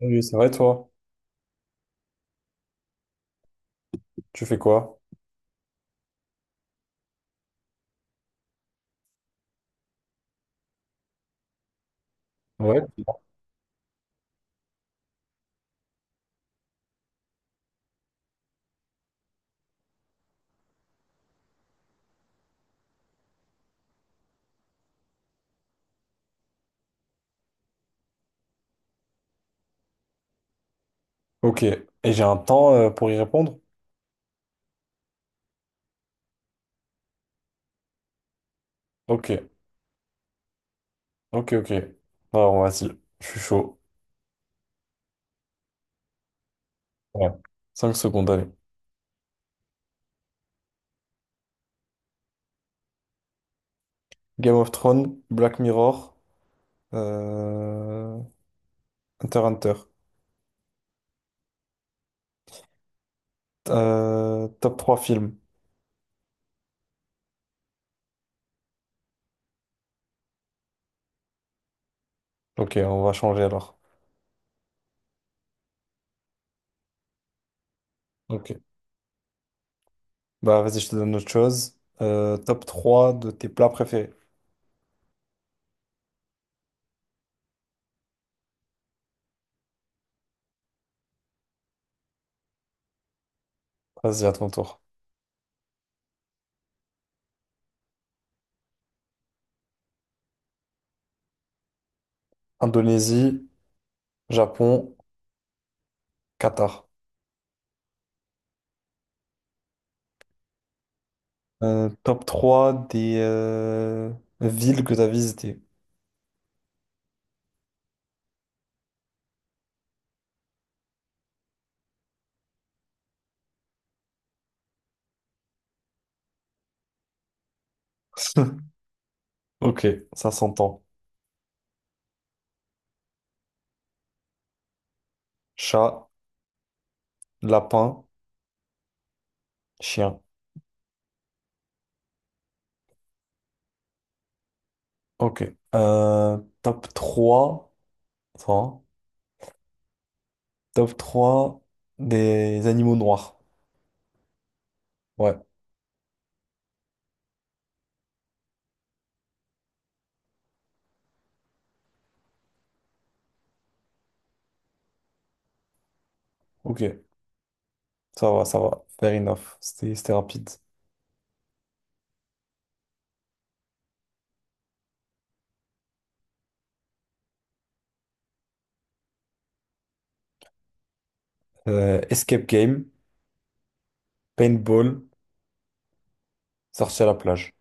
Oui, c'est vrai, toi. Tu fais quoi? Ouais. Ok. Et j'ai un temps pour y répondre? Ok. Ok, ok. Bon, alors, vas-y. Je suis chaud. Ouais. 5 secondes, allez. Game of Thrones, Black Mirror, euh... Hunter x Hunter. Top 3 films. Ok, on va changer alors. Ok. Bah, vas-y, je te donne autre chose. Top 3 de tes plats préférés. Vas-y, à ton tour. Indonésie, Japon, Qatar. Top 3 des villes que tu as visitées. Ok, ça s'entend. Chat, lapin, chien. Ok. Top 3. Attends. Top trois des animaux noirs. Ouais, ok. Ça va, ça va. Fair enough. C'était rapide. Escape game, paintball, sortie à la plage.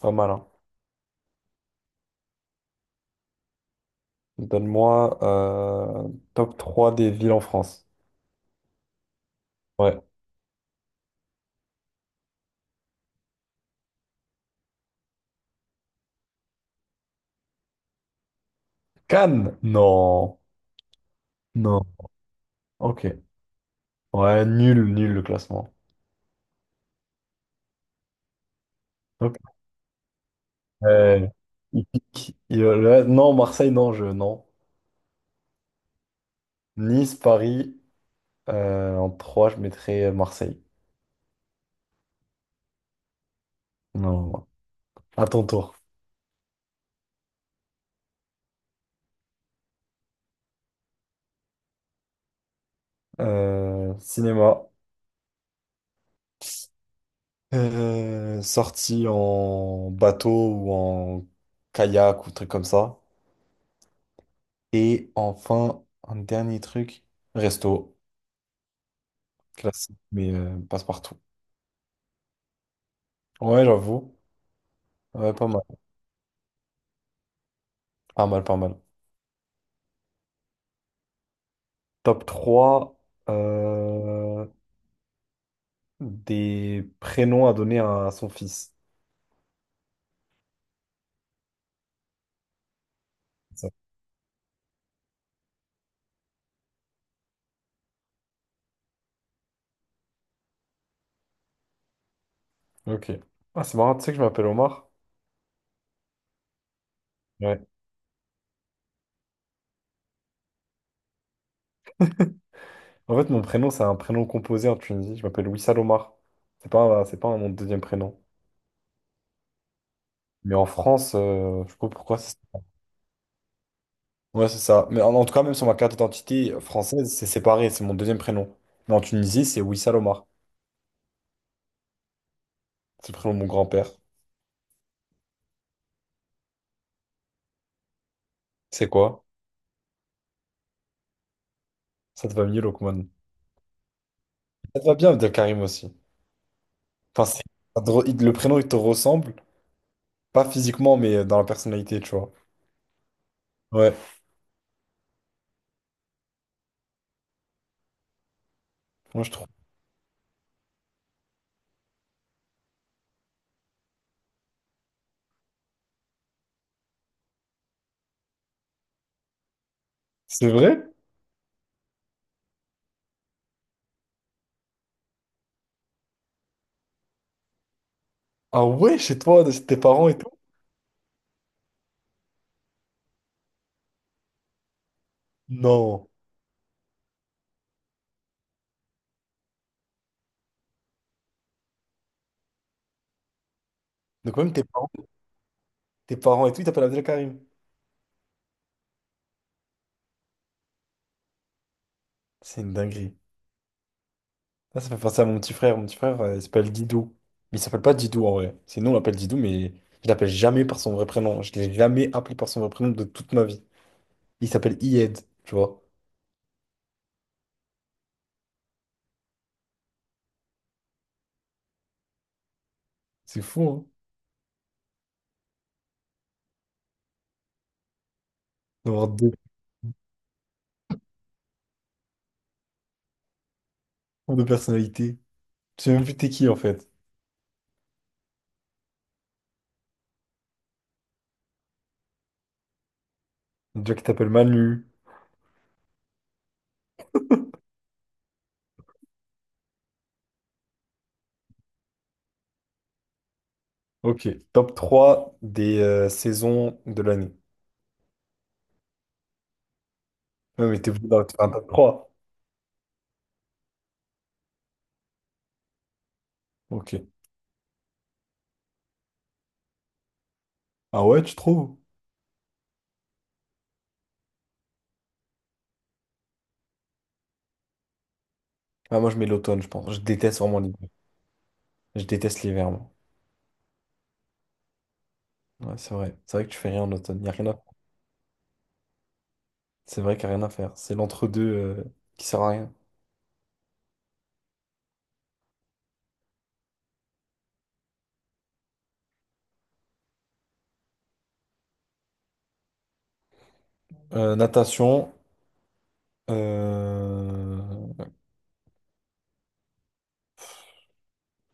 Pas mal, hein. Donne-moi top 3 des villes en France. Ouais. Cannes? Non. Non. Ok. Ouais, nul, nul le classement. Donc, euh, il pique. Non, Marseille, non, je, non. Nice, Paris, en 3 je mettrais Marseille. Non, à ton tour. Cinéma. Sortie en bateau ou en kayak ou truc comme ça. Et enfin, un dernier truc, resto. Classique, mais passe-partout. Ouais, j'avoue. Ouais, pas mal. Pas mal, pas mal. Top 3 euh, des prénoms à donner à son fils. C'est ça. Ok. Ah, c'est marrant, tu sais que je m'appelle Omar? Ouais. En fait, mon prénom, c'est un prénom composé en Tunisie. Je m'appelle Wissal Omar. C'est pas mon deuxième prénom. Mais en France, je sais pas pourquoi. Ouais, c'est ça. Mais en tout cas, même sur ma carte d'identité française, c'est séparé. C'est mon deuxième prénom. Mais en Tunisie, c'est Wissal Omar. C'est le prénom de mon grand-père. C'est quoi? Ça te va mieux, Lokman. Ça te va bien, Abdelkarim aussi. Enfin, c'est- ça te re- il- le prénom, il te ressemble. Pas physiquement, mais dans la personnalité, tu vois. Ouais. Moi, je trouve. C'est vrai? Ah ouais, chez toi, tes parents et tout? Non. Donc même tes parents et tout, ils t'appellent Abdelkarim. C'est une dinguerie. Ça fait penser à mon petit frère. Mon petit frère, il s'appelle Didou. Mais il s'appelle pas Didou en vrai. C'est nous, on l'appelle Didou, mais je l'appelle jamais par son vrai prénom. Je l'ai jamais appelé par son vrai prénom de toute ma vie. Il s'appelle Iyed, tu vois. C'est fou, hein? D'avoir deux tours de personnalité. Tu sais même plus t'es qui, en fait. Un gars qui t'appelle Manu. Ok. Top 3 des saisons de l'année. Ouais, mais t'es obligé d'en faire un top trois. Ok. Ah ouais, tu trouves? Ah, moi, je mets l'automne, je pense. Je déteste vraiment l'hiver. Je déteste l'hiver, moi. Ouais, c'est vrai. C'est vrai que tu fais rien en automne. Y a rien à... C'est vrai qu'il n'y a rien à faire. C'est l'entre-deux qui sert à rien. Natation. euh,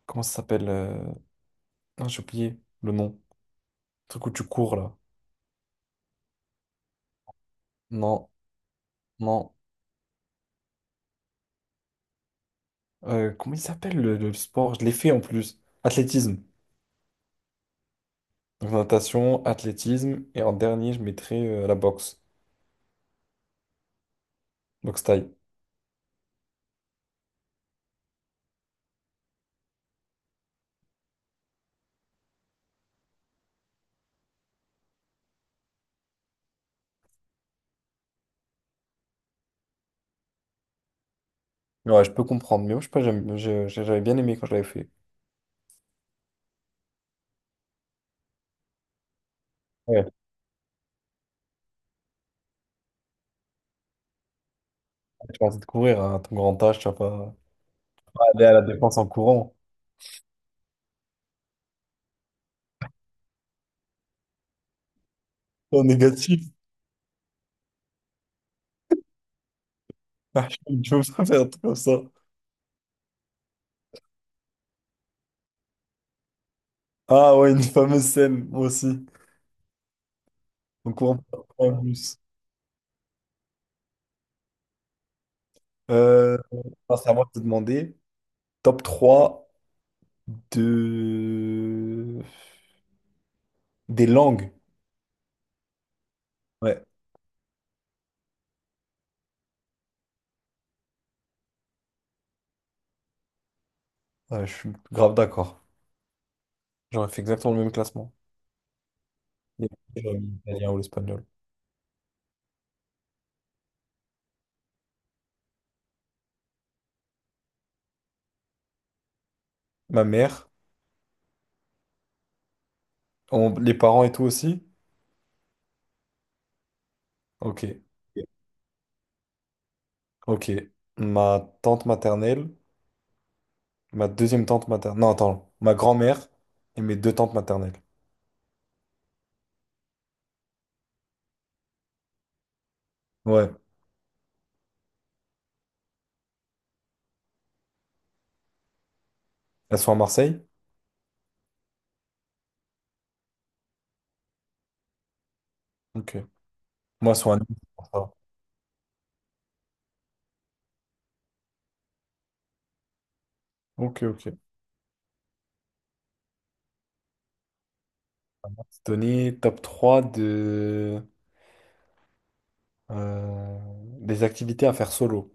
Comment ça s'appelle? Ah, j'ai oublié le nom. Le truc où tu cours, là. Non, non. Comment il s'appelle le sport? Je l'ai fait en plus. Athlétisme. Donc, natation, athlétisme. Et en dernier, je mettrais la boxe. Boxe thaï. Ouais, je peux comprendre, mais moi, je sais pas, j'avais bien aimé quand je l'avais fait. Ouais, tu vas te courir à ton grand âge, tu vas pas aller à la défense en courant. En négatif. Ah, tu veux pas faire un truc comme ça. Ah ouais, une fameuse scène, moi aussi. En courant ouais, en plus. Euh, alors, c'est à moi de te demander. Top trois de... des langues. Ouais, ouais, je suis grave d'accord. J'aurais fait exactement le même classement. J'aurais mis l'italien ou l'espagnol. Ma mère, les parents et tout aussi. Ok. Ok. Ma tante maternelle, ma deuxième tante maternelle. Non, attends. Ma grand-mère et mes deux tantes maternelles. Ouais. Elles sont à Marseille? Ok. Moi, elles sont à Nice. C'est pour ça. Ok, ok. On va se donner top 3 de... euh, des activités à faire solo.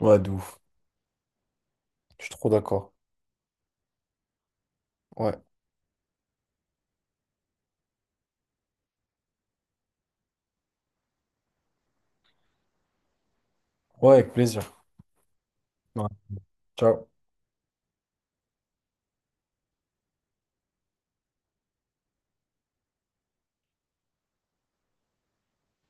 Ouais, de ouf. Je suis trop d'accord. Ouais. Ouais, avec plaisir. Ouais. Ciao.